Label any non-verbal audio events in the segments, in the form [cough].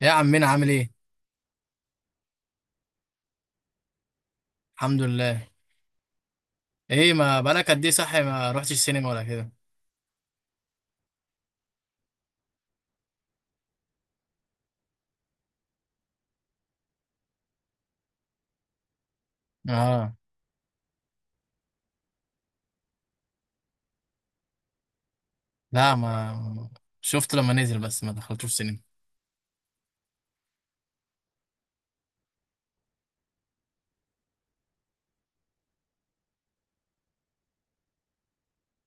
يا عمنا، عامل ايه؟ الحمد لله. ايه، ما بقالك قد ايه صحي ما رحتش السينما ولا كده؟ اه. لا، ما شفت لما نزل، بس ما دخلتوش السينما.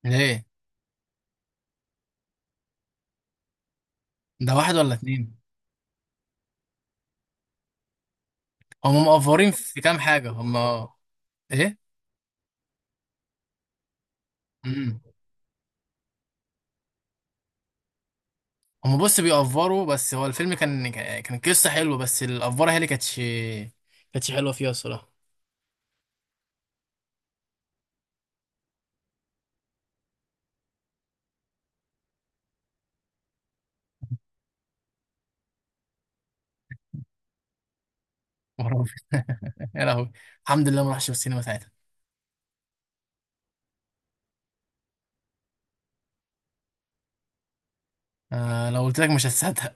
ليه؟ ده واحد ولا اتنين؟ هم مقفرين في كام حاجه هم؟ ايه. امم هم، بص، بيقفروا، بس هو الفيلم كان قصه حلوه، بس الافوره هي اللي كانتش حلوه فيها الصراحه. [laughs] يا لهوي. الحمد لله ما رحتش السينما ساعتها. آه، لو قلت لك مش هتصدق.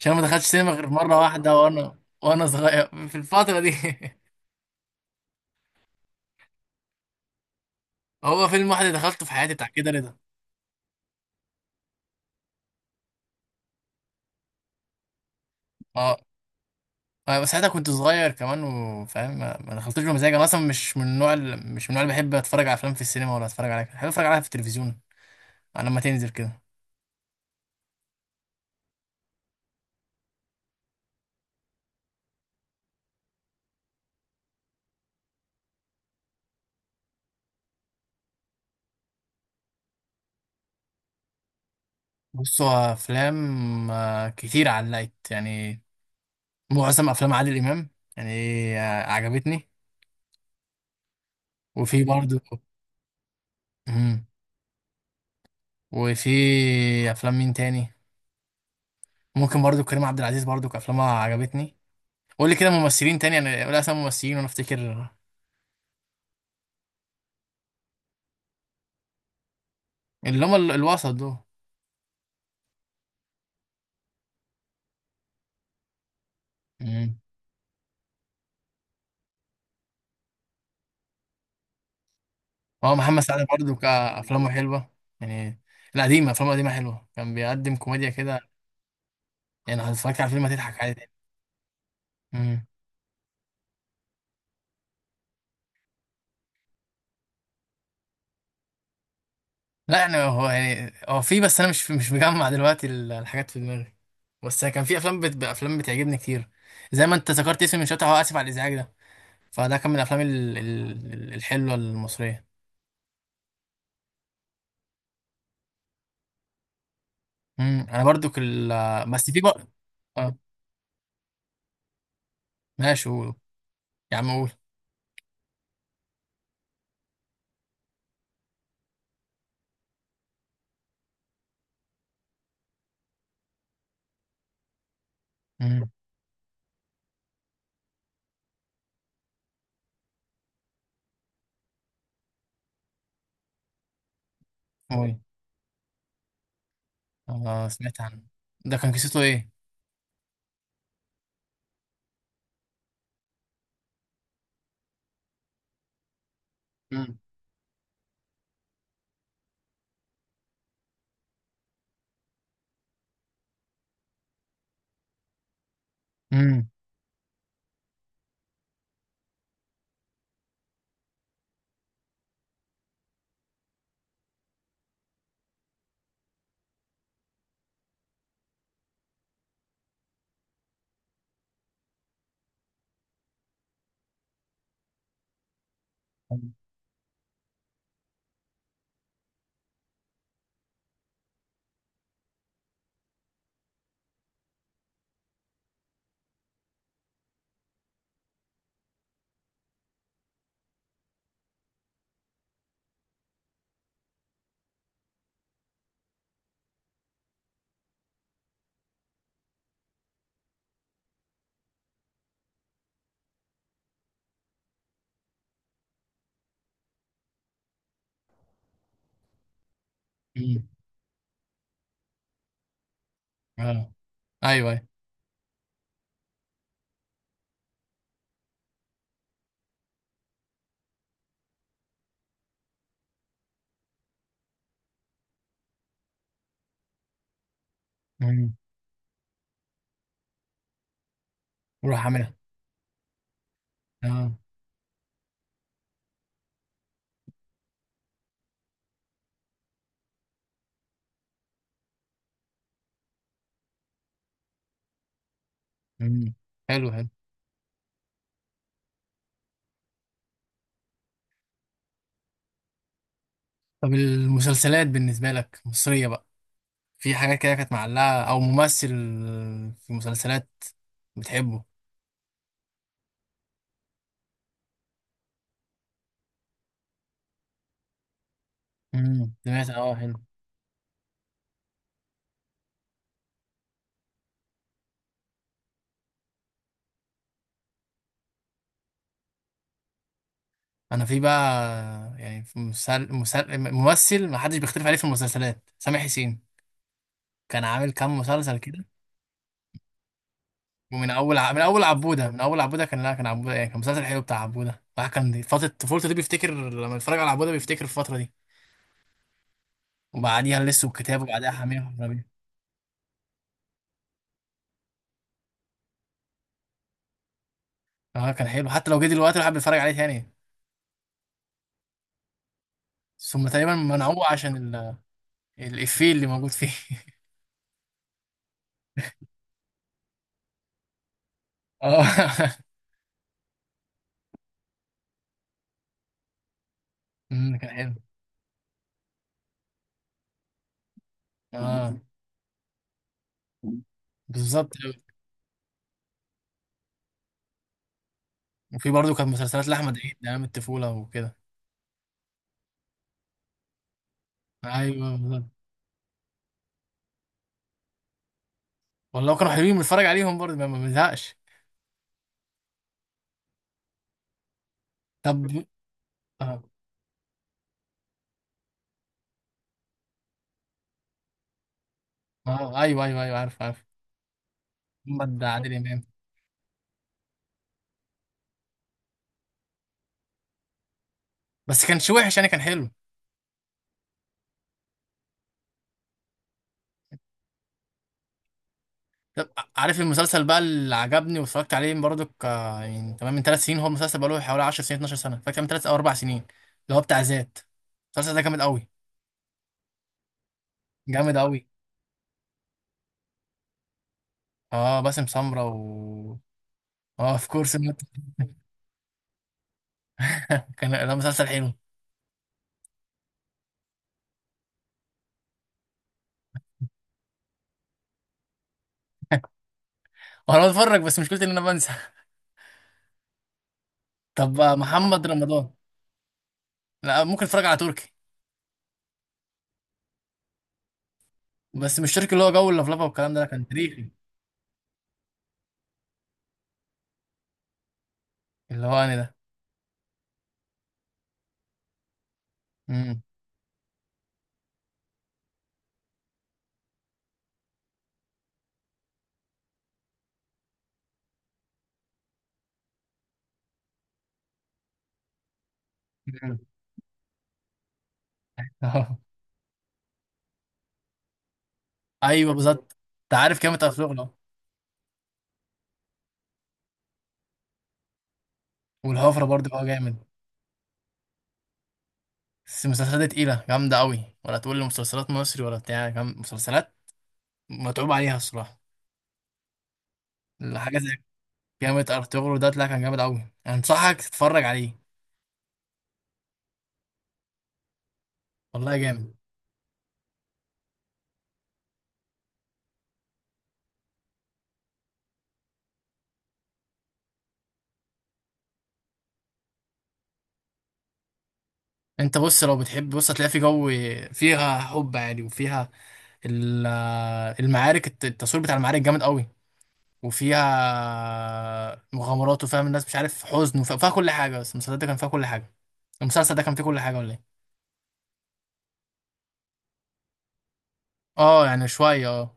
عشان ما دخلتش سينما غير مرة واحدة، وانا صغير في الفترة دي. [laughs] هو فيلم واحد اللي دخلته في حياتي، بتاع كده، رضا. اه. أنا ساعتها كنت صغير كمان وفاهم، ما دخلتوش بمزاج، انا اصلا مش من النوع اللي بحب اتفرج على افلام في السينما، ولا اتفرج عليها، بحب اتفرج عليها في التلفزيون، على لما تنزل كده. بص، هو افلام كتير علقت، يعني. معظم افلام عادل امام، يعني. عجبتني. وفي برضه. مم. وفي افلام مين تاني؟ ممكن برضو كريم عبد العزيز، برضو افلامها عجبتني. قول لي كده ممثلين تاني، انا قول اسامي ممثلين وانا افتكر. اللي هم الوسط دول. مم. هو محمد سعد برضه كافلامه حلوه، يعني. القديمه، افلامه القديمه حلوه، كان بيقدم كوميديا كده. يعني لو اتفرجت على فيلم هتضحك عادي. مم. لا، يعني هو يعني هو في، بس انا مش مجمع دلوقتي الحاجات في دماغي. بس كان في افلام افلام بتعجبني كتير، زي ما انت ذكرت اسم من شويه، هو اسف على الازعاج ده، فده كان من الافلام الحلوه المصريه. مم. انا برضو كل. بس في بقى. اه. ماشي، قول. يا عم، قول. امم. قول. اه، سمعت عنه. ده كان قصته ايه؟ امم. امم. امم. اه. ايوه، ايوه. امم. وراح عاملها. اه. امم. حلو، حلو. طب، المسلسلات بالنسبه لك مصريه بقى، في حاجات كده كانت معلقه او ممثل، في مسلسلات بتحبه؟ امم، سمعت. اه، حلو. انا في بقى. يعني في ممثل ما حدش بيختلف عليه في المسلسلات، سامح حسين. كان عامل كام مسلسل كده. ومن اول ع... من اول عبوده من اول عبوده كان، لا، كان عبوده ايه؟ كان مسلسل حلو بتاع عبوده. الواحد كان دي فتره طفولته، دي بيفتكر لما يتفرج على عبوده بيفتكر الفتره دي. وبعديها لسه والكتاب، وبعديها حمير وحرامية. اه، كان حلو، حتى لو جه دلوقتي الواحد بيتفرج عليه تاني. ثم تقريبا منعوه عشان الافيه اللي موجود فيه. [laughs] اه. كان حلو. اه، بالظبط. وفي برضه كانت مسلسلات لاحمد عيد ايام الطفوله وكده. ايوه، بالظبط. والله كانوا حلوين بنتفرج عليهم برضه ما بنزهقش. طب. اه. ايوه، ايوه، ايوه، عارف، عارف. محمد عادل امام. بس كانش وحش يعني، كان حلو. طب، عارف المسلسل بقى اللي عجبني واتفرجت عليه برضه، يعني تمام من ثلاث سنين، هو المسلسل بقى له حوالي 10 سنين، 12 سنه، فاكر من ثلاث او اربع سنين، اللي هو بتاع ذات. المسلسل ده جامد قوي. جامد قوي. اه، باسم سمرة و اه اوف كورس. [laughs] كان ده مسلسل حلو. وانا بتفرج بس مشكلتي ان انا بنسى. [laughs] طب، محمد رمضان. لا، ممكن اتفرج على تركي. بس مش تركي اللي هو جو اللفلفه والكلام ده، لا، كان تاريخي. اللي هو انا ده. امم. [laughs] ايوه، بالظبط. انت عارف كام بتاع شغله. والهفره برضه بقى جامد. بس المسلسلات دي تقيله جامده قوي، ولا تقول لي مسلسلات مصري ولا بتاع مسلسلات متعوب عليها الصراحه. الحاجه زي جامد، ارطغرل ده طلع كان جامد قوي، انصحك تتفرج عليه. والله جامد. انت بص، لو بتحب بص هتلاقي في جو، فيها حب عادي وفيها ال- المعارك، التصوير بتاع المعارك جامد قوي، وفيها مغامرات وفيها الناس مش عارف حزن، وفيها كل حاجه، بس المسلسل ده كان فيها كل حاجه، المسلسل ده كان فيه كل حاجه ولا ايه؟ اه، يعني شويه اه.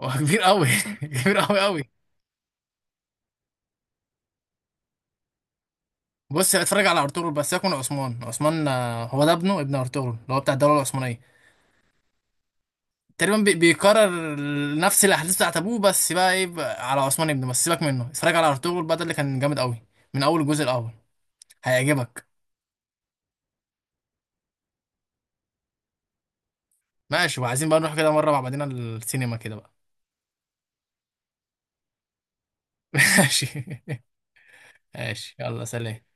هو كبير قوي. [laughs] كبير قوي قوي. بص، اتفرج على ارطغرل بس، يكون عثمان عثمان، هو ده ابنه، ابن ارطغرل اللي هو بتاع الدوله العثمانيه. تقريبا بيكرر نفس الاحداث بتاعت ابوه، بس بقى ايه بقى على عثمان ابنه، بس سيبك منه، اتفرج على ارطغرل بقى، ده اللي كان جامد قوي من اول الجزء الاول، هيعجبك. ماشي، وعايزين بقى نروح كده مره مع بعضنا السينما كده بقى. [laughs] ماشي. ماشي، يلا، سلام.